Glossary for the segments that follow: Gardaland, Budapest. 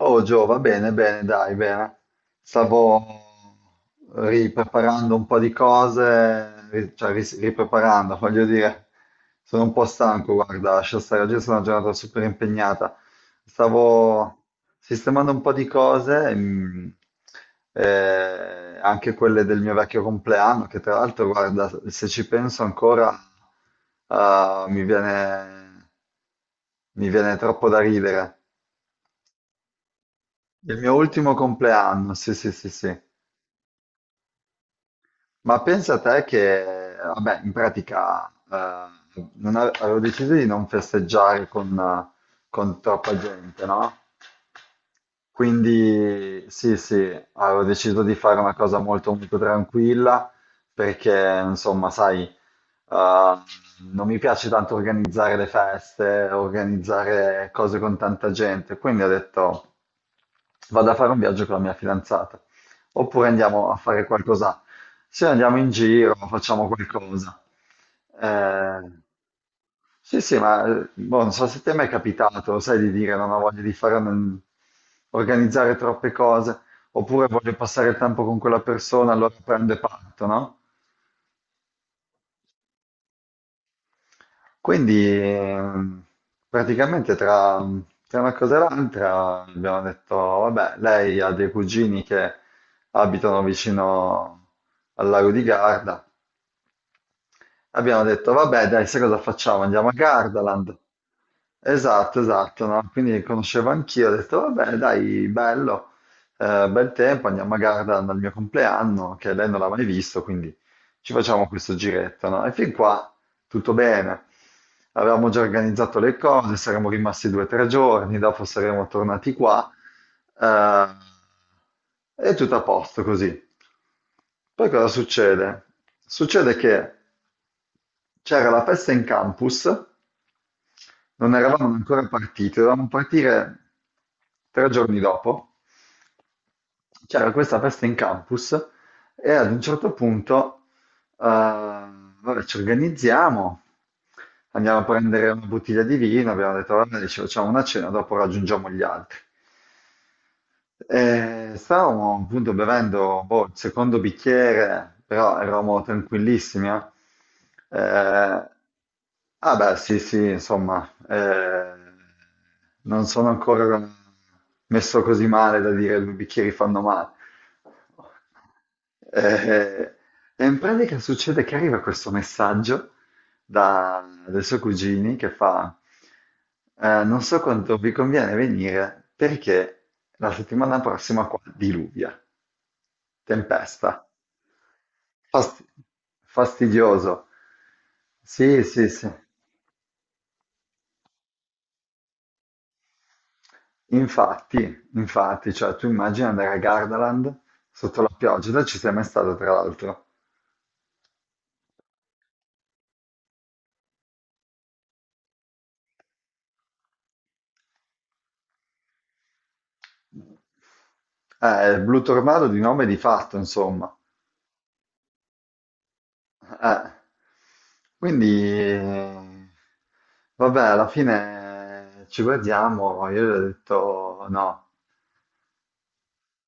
Oh Gio, va bene, bene, dai, bene. Stavo ripreparando un po' di cose, ripreparando, voglio dire, sono un po' stanco, guarda, lascia stare, oggi è stata una giornata super impegnata. Stavo sistemando un po' di cose, anche quelle del mio vecchio compleanno, che tra l'altro, guarda, se ci penso ancora, ah, mi viene troppo da ridere. Il mio ultimo compleanno, sì, sì, sì, sì. Ma pensa a te che, vabbè, in pratica non ave- avevo deciso di non festeggiare con con troppa gente, no? Quindi sì, sì, avevo deciso di fare una cosa molto, molto tranquilla perché, insomma, sai, Uh, non mi piace tanto organizzare le feste, organizzare cose con tanta gente, quindi ho detto vado a fare un viaggio con la mia fidanzata, oppure andiamo a fare qualcosa, se andiamo in giro, facciamo qualcosa. Eh, sì, sì, ma boh, non so se te mi è capitato, sai, di dire non ho voglia di organizzare troppe cose, oppure voglio passare il tempo con quella persona, allora prendo e parto, no? Quindi praticamente tra una cosa e l'altra abbiamo detto, vabbè, lei ha dei cugini che abitano vicino al lago di Garda. Abbiamo detto, vabbè, dai, sai cosa facciamo? Andiamo a Gardaland. Esatto, esatto, no? Quindi conoscevo anch'io, ho detto, vabbè, dai, bello, bel tempo, andiamo a Gardaland al mio compleanno, che lei non l'ha mai visto, quindi ci facciamo questo giretto, no? E fin qua tutto bene. Avevamo già organizzato le cose, saremmo rimasti due o tre giorni, dopo saremmo tornati qua, eh, e tutto a posto così. Poi cosa succede? Succede che c'era la festa in campus, non eravamo ancora partiti, dovevamo partire tre giorni dopo. C'era questa festa in campus e ad un certo punto, vabbè, ci organizziamo, andiamo a prendere una bottiglia di vino, abbiamo detto, vabbè, ci facciamo una cena, dopo raggiungiamo gli altri. Stavamo appunto bevendo boh, il secondo bicchiere, però eravamo tranquillissimi. Eh, ah beh, sì, sì, insomma, non sono ancora messo così male da dire due bicchieri fanno male. Eh, e in pratica succede che arriva questo messaggio dai suoi cugini che fa, non so quanto vi conviene venire perché la settimana prossima qua diluvia, tempesta, Fasti- fastidioso. Sì, sì, sì. Infatti, infatti, cioè tu immagini andare a Gardaland sotto la pioggia, tu ci sei mai stato tra l'altro. Il blu tornado di nome e di fatto, insomma. Eh, quindi, eh, vabbè, alla fine ci guardiamo. Io gli ho detto no,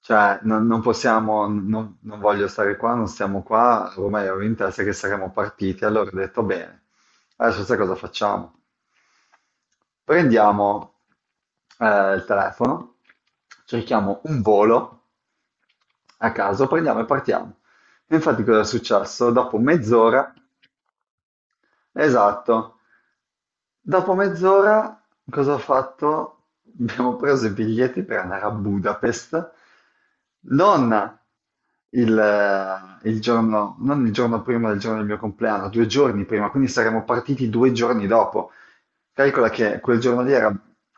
cioè non possiamo, non voglio stare qua, non stiamo qua. Ormai avevo in testa che saremmo partiti. Allora ho detto bene, adesso sai cosa facciamo? Prendiamo il telefono, cerchiamo un volo a caso, prendiamo e partiamo. E infatti cosa è successo? Dopo mezz'ora, esatto, dopo mezz'ora cosa ho fatto? Abbiamo preso i biglietti per andare a Budapest, non il giorno, non il giorno prima del giorno del mio compleanno, due giorni prima, quindi saremmo partiti due giorni dopo. Calcola che quel giorno lì era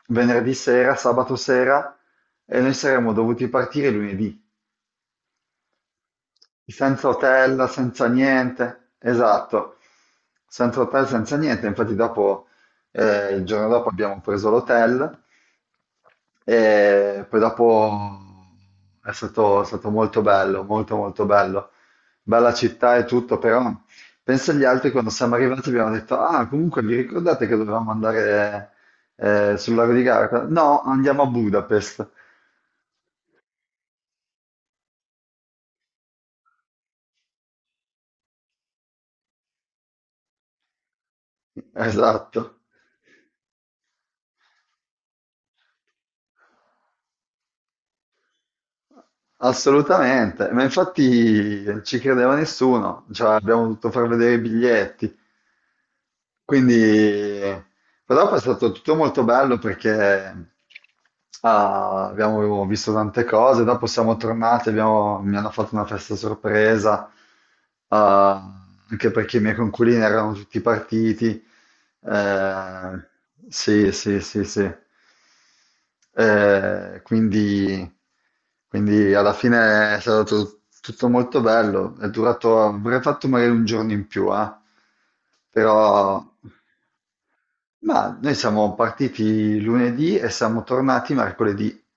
venerdì sera, sabato sera, e noi saremmo dovuti partire lunedì. Senza hotel, senza niente, esatto, senza hotel, senza niente. Infatti dopo, il giorno dopo abbiamo preso l'hotel e poi dopo è stato molto bello, molto molto bello. Bella città e tutto, però penso agli altri quando siamo arrivati abbiamo detto, ah comunque vi ricordate che dovevamo andare sul lago di Garda? No, andiamo a Budapest. Esatto. Assolutamente, ma infatti non ci credeva nessuno, cioè abbiamo dovuto far vedere i biglietti, quindi però è stato tutto molto bello perché ah, abbiamo visto tante cose, dopo siamo tornati, mi hanno fatto una festa sorpresa, ah, anche perché i miei conculini erano tutti partiti, eh, sì, sì, sì, sì. Eh, quindi, quindi alla fine è stato tutto molto bello. È durato, avrei fatto magari un giorno in più, eh. Però, ma noi siamo partiti lunedì e siamo tornati mercoledì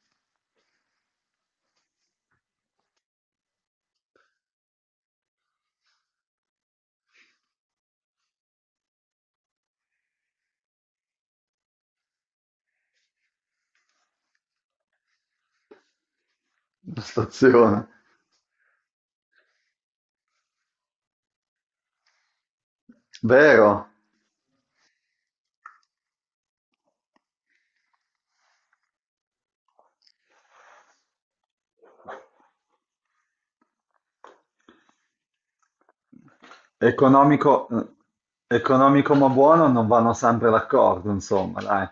alla stazione. Vero? Economico, economico ma buono non vanno sempre d'accordo, insomma, dai.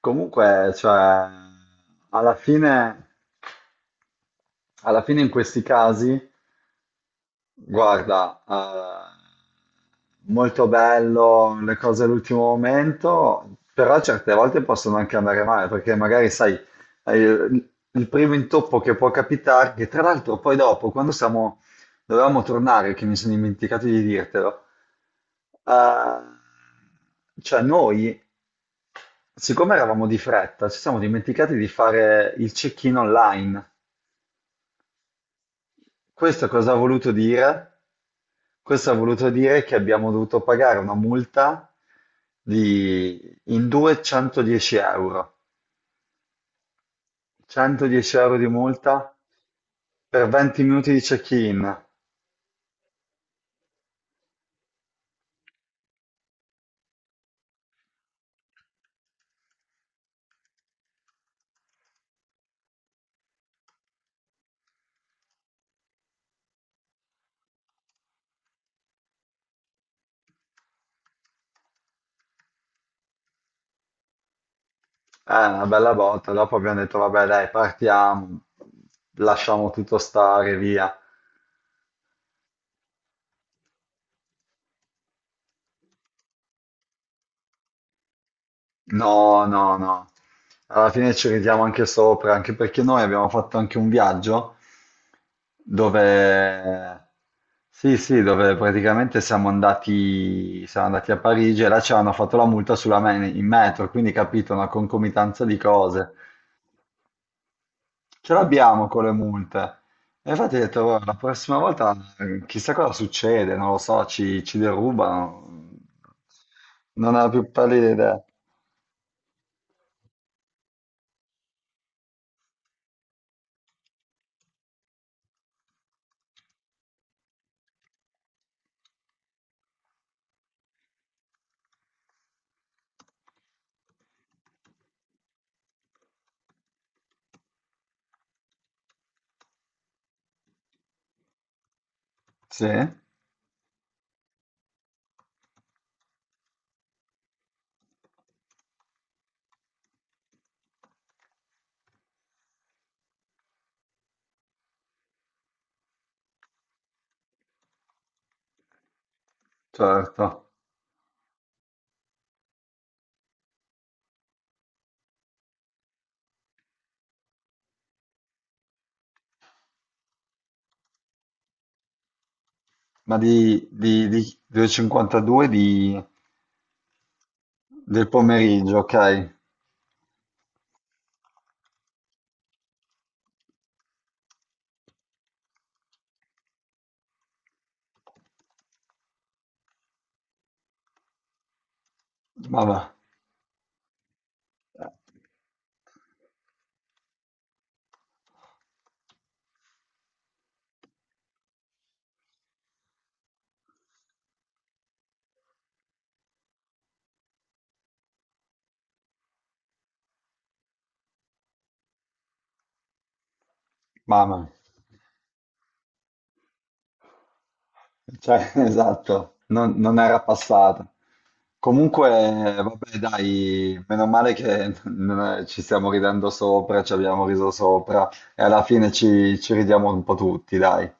Comunque, cioè, alla fine, alla fine in questi casi guarda, molto bello le cose all'ultimo momento, però certe volte possono anche andare male, perché magari sai, il primo intoppo che può capitare, che tra l'altro poi dopo, quando siamo, dovevamo tornare, che mi sono dimenticato di dirtelo, cioè noi, siccome eravamo di fretta, ci siamo dimenticati di fare il check-in online. Questo cosa ha voluto dire? Questo ha voluto dire che abbiamo dovuto pagare una multa di in due 110 euro. 110 euro di multa per 20 minuti di check-in. È una bella botta. Dopo abbiamo detto, vabbè, dai, partiamo, lasciamo tutto stare, via. No, no, no. Alla fine ci ridiamo anche sopra, anche perché noi abbiamo fatto anche un viaggio dove, sì, sì, dove praticamente siamo andati a Parigi e là ci hanno fatto la multa in metro, quindi capito, una concomitanza di cose. Ce l'abbiamo con le multe. E infatti ho detto, "Guarda, la prossima volta chissà cosa succede, non lo so, ci derubano. Non ho la più pallida idea. Sì, certo. Ma delle 52 del pomeriggio, ok. Mamma, mamma, cioè, esatto, non era passata. Comunque, vabbè, dai, meno male che non è- ci stiamo ridendo sopra, ci abbiamo riso sopra e alla fine ci ridiamo un po' tutti, dai.